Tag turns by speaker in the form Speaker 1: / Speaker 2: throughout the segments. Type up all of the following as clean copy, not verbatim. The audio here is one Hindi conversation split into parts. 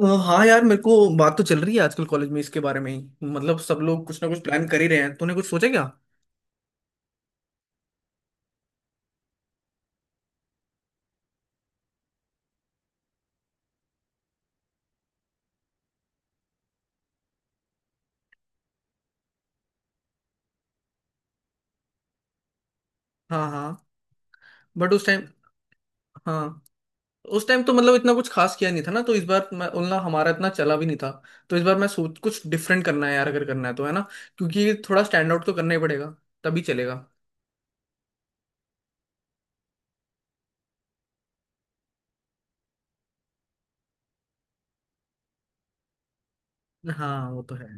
Speaker 1: हाँ यार मेरे को बात तो चल रही है आजकल कॉलेज में इसके बारे में ही। मतलब सब लोग कुछ ना कुछ प्लान कर ही रहे हैं, तूने कुछ सोचा क्या। हाँ हाँ बट उस टाइम। हाँ उस टाइम तो मतलब इतना कुछ खास किया नहीं था ना, तो इस बार मैं उतना हमारा इतना चला भी नहीं था। तो इस बार मैं सोच कुछ डिफरेंट करना है यार, अगर करना है तो, है ना। क्योंकि थोड़ा स्टैंड आउट तो करना ही पड़ेगा, तभी चलेगा। हाँ वो तो है।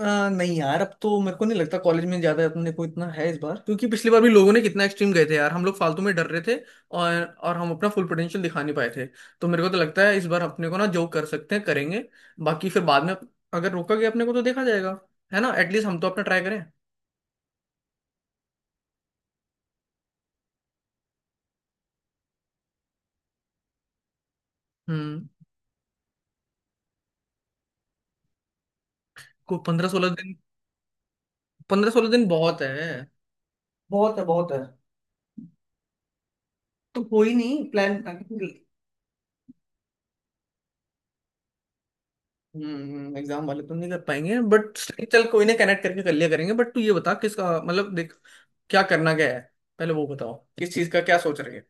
Speaker 1: नहीं यार, अब तो मेरे को नहीं लगता कॉलेज में ज्यादा अपने को इतना है इस बार, क्योंकि पिछली बार भी लोगों ने कितना एक्सट्रीम गए थे यार, हम लोग फालतू में डर रहे थे। और हम अपना फुल पोटेंशियल दिखा नहीं पाए थे। तो मेरे को तो लगता है इस बार अपने को ना जो कर सकते हैं करेंगे। बाकी फिर बाद में अगर रोका गया अपने को तो देखा जाएगा। है ना, एटलीस्ट हम तो अपना ट्राई करें। हम्म को 15-16 दिन। पंद्रह सोलह दिन बहुत है, बहुत है, बहुत है। तो कोई नहीं, प्लान। एग्जाम वाले तो नहीं कर पाएंगे बट। चल कोई ना, कनेक्ट करके कर लिया करेंगे। बट तू ये बता किसका, मतलब देख क्या करना क्या है, पहले वो बताओ, किस चीज का क्या सोच रहे हैं।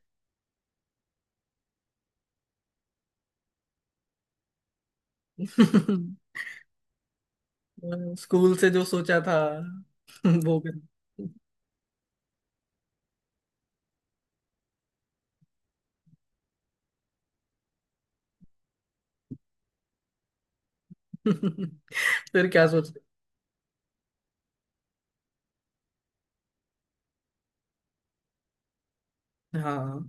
Speaker 1: स्कूल से जो सोचा था वो कर। फिर क्या सोच रहे, हाँ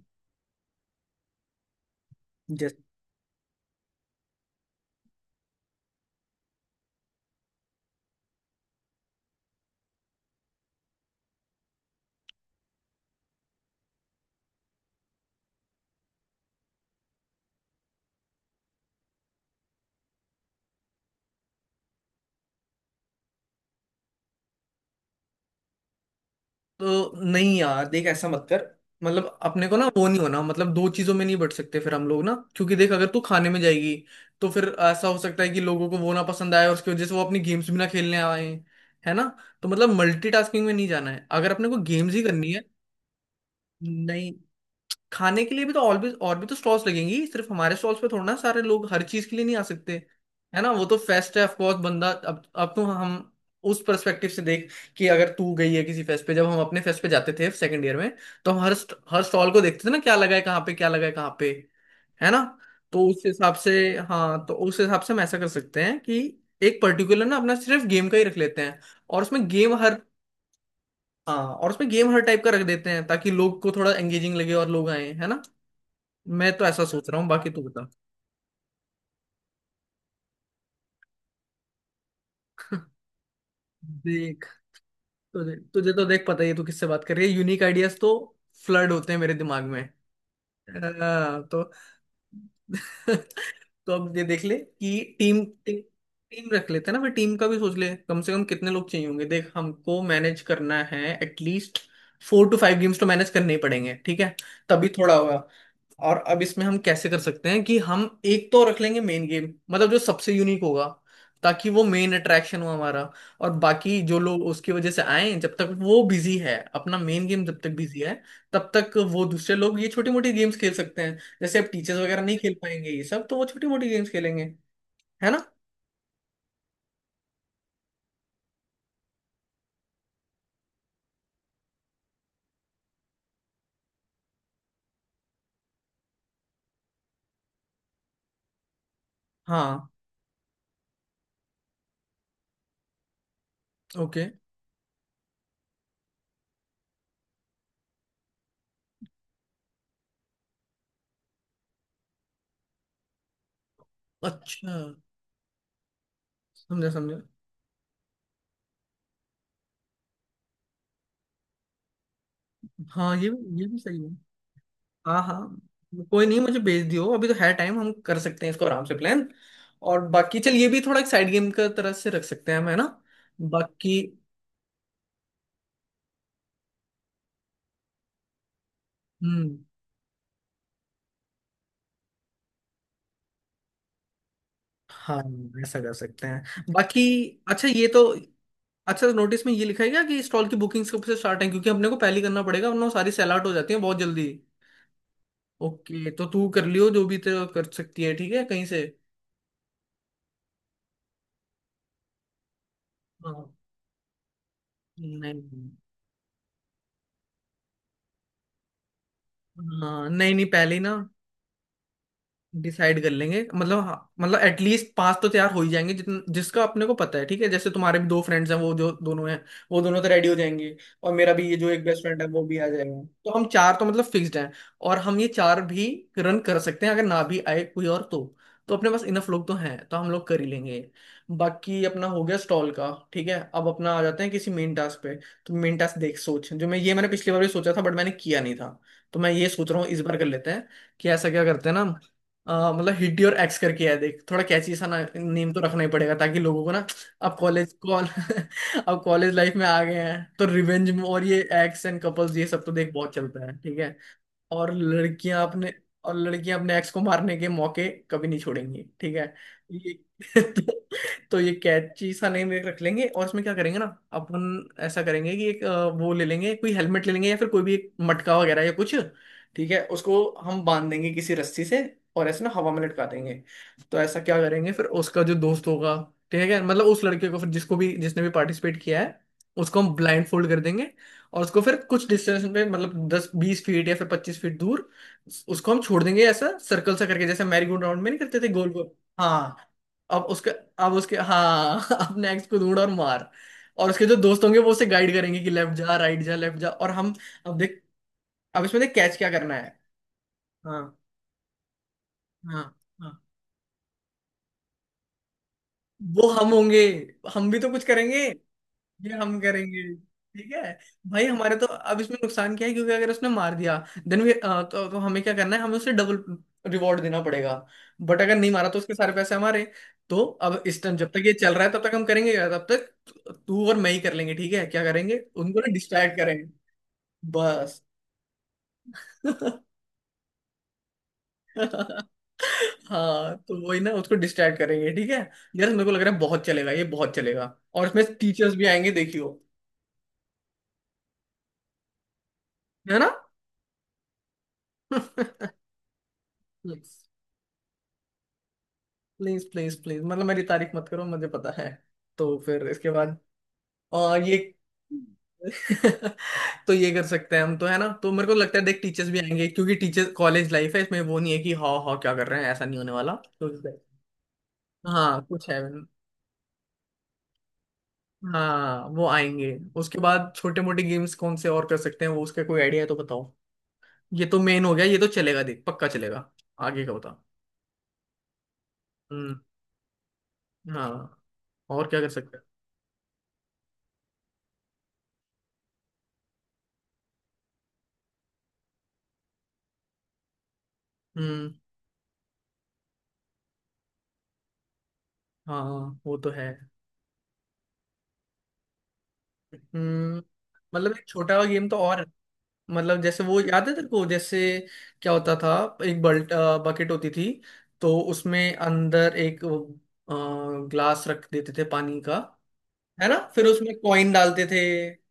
Speaker 1: जैसे। तो नहीं यार देख ऐसा मत कर, मतलब अपने को ना वो नहीं होना, मतलब दो चीजों में नहीं बट सकते फिर हम लोग ना, क्योंकि देख अगर तू खाने में जाएगी, तो फिर ऐसा हो सकता है कि लोगों को वो ना पसंद आए और उसकी वजह से वो अपनी गेम्स भी ना खेलने आए, है ना। तो मतलब मल्टीटास्किंग में नहीं जाना है, अगर अपने को गेम्स ही करनी है। नहीं, खाने के लिए भी तो और भी तो स्टॉल्स लगेंगी, सिर्फ हमारे स्टॉल्स पे थोड़ा ना सारे लोग हर चीज के लिए नहीं आ सकते, है ना। वो तो फेस्ट है, ऑफकोर्स बंदा अब तो हम उस पर्सपेक्टिव से देख, कि अगर तू गई है किसी फेस्ट पे, जब हम अपने फेस्ट पे जाते थे सेकंड ईयर में, तो हम हर हर स्टॉल को देखते थे ना, क्या लगा है कहाँ पे, क्या लगा है कहाँ पे, है ना। तो उस हिसाब से, हाँ तो उस हिसाब से हम ऐसा कर सकते हैं कि एक पर्टिकुलर ना अपना सिर्फ गेम का ही रख लेते हैं, और उसमें गेम हर। हाँ और उसमें गेम हर टाइप का रख देते हैं ताकि लोग को थोड़ा एंगेजिंग लगे और लोग आए, है ना। मैं तो ऐसा सोच रहा हूँ, बाकी तू बता। देख तुझे तुझे तो देख पता ही है तू किससे बात कर रही है, यूनिक आइडियाज तो फ्लड होते हैं मेरे दिमाग में। हाँ, तो तो अब ये देख ले कि टीम टीम टीम रख लेते हैं ना, फिर टीम का भी सोच ले कम से कम कितने लोग चाहिए होंगे, देख हमको मैनेज करना है, at least four two five games तो मैनेज करने ही पड़ेंगे, ठीक है, तभी थोड़ा होगा। और अब इसमें हम कैसे कर सकते हैं कि हम एक तो रख लेंगे मेन गेम, मतलब जो सबसे यूनिक होगा, ताकि वो मेन अट्रैक्शन हो हमारा। और बाकी जो लोग उसकी वजह से आए, जब तक वो बिजी है, अपना मेन गेम जब तक बिजी है, तब तक वो दूसरे लोग ये छोटी मोटी गेम्स खेल सकते हैं। जैसे अब टीचर्स वगैरह नहीं खेल पाएंगे ये सब, तो वो छोटी मोटी गेम्स खेलेंगे, है ना। हाँ ओके। अच्छा समझा समझा। हाँ ये भी सही है। हाँ हाँ कोई नहीं, मुझे भेज दियो, अभी तो है टाइम, हम कर सकते हैं इसको आराम से प्लान। और बाकी चल ये भी थोड़ा एक साइड गेम का तरह से रख सकते हैं हम, है ना। बाकी हम्म हाँ ऐसा कर सकते हैं बाकी। अच्छा ये तो, अच्छा नोटिस में ये लिखा है क्या कि स्टॉल की बुकिंग्स कब से स्टार्ट है, क्योंकि अपने को पहले ही करना पड़ेगा वरना वो सारी सेल आउट हो जाती है बहुत जल्दी। ओके तो तू कर लियो जो भी तो कर सकती है, ठीक है, कहीं से। हाँ नहीं, हाँ नहीं नहीं, पहले ही ना डिसाइड कर लेंगे, मतलब हाँ, मतलब एटलीस्ट पांच तो तैयार हो ही जाएंगे, जितन जिसका अपने को पता है, ठीक है, जैसे तुम्हारे भी दो फ्रेंड्स हैं वो जो दोनों हैं, वो दोनों तो रेडी हो जाएंगे, और मेरा भी ये जो एक बेस्ट फ्रेंड है वो भी आ जाएगा, तो हम चार तो मतलब फिक्स्ड हैं, और हम ये चार भी रन कर सकते हैं अगर ना भी आए कोई और तो। तो अपने पास इनफ लोग तो हैं तो हम लोग कर ही लेंगे। बाकी अपना हो गया स्टॉल का, ठीक है अब अपना आ जाते हैं किसी मेन टास्क पे। तो मेन टास्क देख, सोच जो मैं ये मैंने पिछली बार भी सोचा था बट मैंने किया नहीं था, तो मैं ये सोच रहा हूँ इस बार कर लेते हैं, कि ऐसा क्या करते हैं ना, मतलब हिडी और एक्स करके है, देख थोड़ा कैची सा ना नेम तो रखना ही पड़ेगा ताकि लोगों को ना। अब कॉलेज कॉल अब कॉलेज लाइफ में आ गए हैं तो रिवेंज और ये एक्स एंड कपल्स ये सब तो देख बहुत चलता है, ठीक है। और लड़कियां अपने और लड़कियां अपने एक्स को मारने के मौके कभी नहीं छोड़ेंगी, ठीक है। ये तो, तो ये कैची सा नेम रख लेंगे, और इसमें क्या करेंगे ना, अपन ऐसा करेंगे कि एक वो ले लेंगे, कोई हेलमेट ले लेंगे या फिर कोई भी एक मटका वगैरह या कुछ, ठीक है, उसको हम बांध देंगे किसी रस्सी से और ऐसे ना हवा में लटका देंगे। तो ऐसा क्या करेंगे, फिर उसका जो दोस्त होगा ठीक है, मतलब उस लड़के को फिर जिसको भी जिसने भी पार्टिसिपेट किया है, उसको हम ब्लाइंड फोल्ड कर देंगे, और उसको फिर कुछ डिस्टेंस में, मतलब 10-20 फीट या फिर 25 फीट दूर उसको हम छोड़ देंगे, ऐसा सर्कल सा करके, जैसे मैरीगोल्ड राउंड में नहीं करते थे, गोल गोल। हाँ अब उसके अब उसके हाँ अब नेक्स्ट को ढूंढ और मार, और उसके जो दोस्त होंगे वो उसे गाइड करेंगे कि लेफ्ट जा राइट जा लेफ्ट जा, और हम, अब देख अब इसमें देख कैच क्या करना है। हाँ हाँ हाँ वो हम होंगे, हम भी तो कुछ करेंगे, ये हम करेंगे, ठीक है। भाई हमारे तो अब इसमें नुकसान क्या है, क्योंकि अगर उसने मार दिया, तो हमें क्या करना है, हमें उसे डबल रिवॉर्ड देना पड़ेगा, बट अगर नहीं मारा तो उसके सारे पैसे हमारे। तो अब इस टाइम जब तक ये चल रहा है तब तक हम करेंगे क्या, तब तक तू तू और मैं ही कर लेंगे ठीक है, क्या करेंगे, उनको ना डिस्ट्रैक्ट करेंगे, बस। हाँ तो वही ना, उसको डिस्ट्रैक्ट करेंगे, ठीक है। यार मेरे को लग रहा है बहुत चलेगा ये, बहुत चलेगा और इसमें टीचर्स भी आएंगे देखियो, है ना। प्लीज प्लीज प्लीज, मतलब मेरी तारीफ मत करो, मुझे पता है। तो फिर इसके बाद, और ये तो ये कर सकते हैं हम तो, है ना, तो मेरे को लगता है देख टीचर्स भी आएंगे, क्योंकि टीचर्स कॉलेज लाइफ है, इसमें वो नहीं है कि हाँ हाँ क्या कर रहे हैं, ऐसा नहीं होने वाला। तो हाँ कुछ है, हाँ वो आएंगे। उसके बाद छोटे मोटे गेम्स कौन से और कर सकते हैं वो, उसका कोई आइडिया है तो बताओ, ये तो मेन हो गया, ये तो चलेगा देख पक्का चलेगा, आगे का बता। हम्म हाँ और क्या कर सकते हैं। हम्म हाँ वो तो है, हम्म मतलब एक छोटा सा गेम तो और है। मतलब जैसे वो याद है तेरे को, जैसे क्या होता था, एक बल्ट बकेट होती थी, तो उसमें अंदर एक ग्लास रख देते थे पानी का, है ना फिर उसमें कॉइन डालते थे,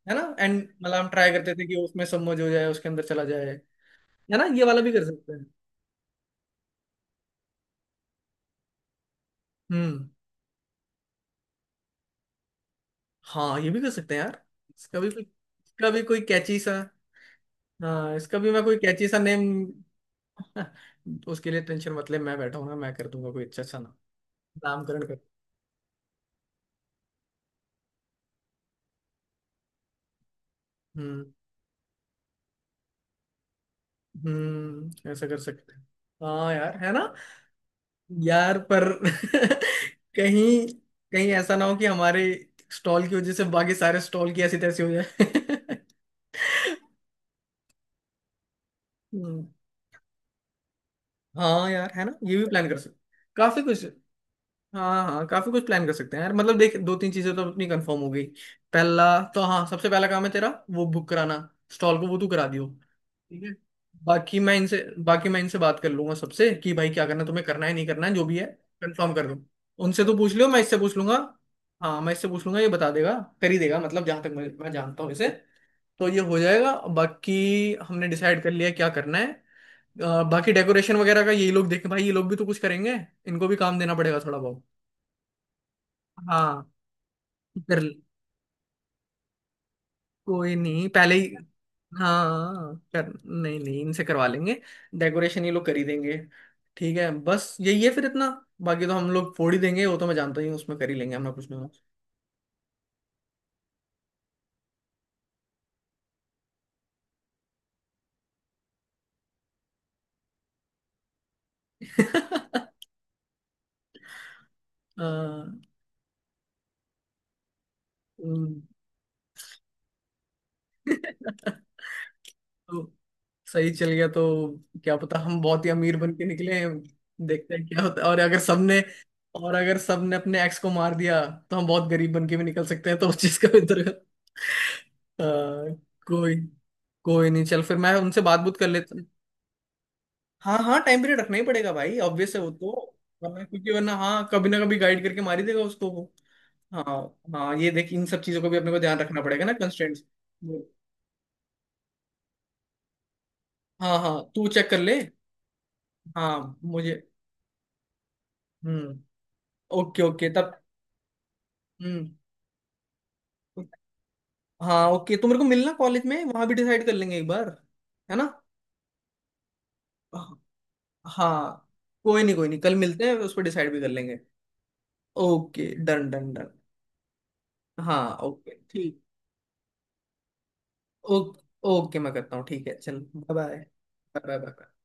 Speaker 1: है ना, एंड मतलब हम ट्राई करते थे कि उसमें सबमर्ज हो जाए, उसके अंदर चला जाए, है ना, ये वाला भी कर सकते हैं। हम्म हाँ ये भी कर सकते हैं यार, इसका भी कोई कैची सा। हाँ इसका भी मैं कोई कैची सा नेम। उसके लिए टेंशन मतलब मैं बैठा हूँ ना, मैं कर दूंगा कोई अच्छा अच्छा ना, नामकरण कर। हम्म ऐसा कर सकते हैं। हाँ यार है ना। यार पर कहीं कहीं ऐसा ना हो कि हमारे स्टॉल की वजह से बाकी सारे स्टॉल की ऐसी तैसी हो जाए। हम्म, हाँ यार है ना, ये भी प्लान कर सकते। काफी कुछ, हाँ हाँ काफी कुछ प्लान कर सकते हैं यार, मतलब देख दो तीन चीजें तो अपनी कंफर्म हो गई। पहला तो हाँ सबसे पहला काम है तेरा वो बुक कराना, स्टॉल को वो तू करा दियो, ठीक है। बाकी मैं इनसे बाकी मैं इनसे बात कर लूंगा सबसे कि भाई क्या करना है, तुम्हें करना है नहीं करना है जो भी है, कंफर्म कर दो। उनसे तो पूछ लियो, मैं इससे पूछ लूंगा, हाँ मैं इससे पूछ लूंगा, ये बता देगा, कर ही देगा, मतलब जहां तक मैं जानता हूँ इसे, तो ये हो जाएगा। बाकी हमने डिसाइड कर लिया क्या करना है, बाकी डेकोरेशन वगैरह का ये लोग देखें, भाई ये लोग भी तो कुछ करेंगे, इनको भी काम देना पड़ेगा थोड़ा बहुत। हाँ कर, कोई नहीं पहले ही। हाँ कर, नहीं नहीं इनसे करवा लेंगे, डेकोरेशन ये लोग कर ही देंगे। ठीक है बस यही है फिर इतना, बाकी तो हम लोग फोड़ ही देंगे, वो तो मैं जानता ही हूँ, उसमें कर ही लेंगे हम लोग कुछ ना कुछ। हाँ, हम्म। तो सही चल गया तो क्या पता हम बहुत ही अमीर बन के निकले हैं। देखते हैं क्या होता है, और अगर सबने अपने एक्स को मार दिया तो हम बहुत गरीब बन के भी निकल सकते हैं, तो उस चीज का भी अ, कोई, कोई नहीं चल फिर मैं उनसे बात बुत कर लेता हूँ। हाँ हाँ टाइम पीरियड रखना ही पड़ेगा भाई, ऑब्वियस है वो तो। वरना हाँ कभी ना कभी गाइड करके मार ही देगा उसको वो। हाँ हाँ ये देख इन सब चीजों को भी अपने को ध्यान रखना पड़ेगा ना, कंस्ट्रेंट्स। हाँ हाँ तू चेक कर ले। हाँ मुझे, हम्म ओके ओके तब। हम्म हाँ ओके तो मेरे को मिलना कॉलेज में वहां भी डिसाइड कर लेंगे एक बार, है ना। हाँ कोई नहीं कोई नहीं, कल मिलते हैं उस पर डिसाइड भी कर लेंगे। Okay done done done. हाँ ओके ठीक, ओके, ओके मैं करता हूँ, ठीक है चल बाय बाय। Bye bye.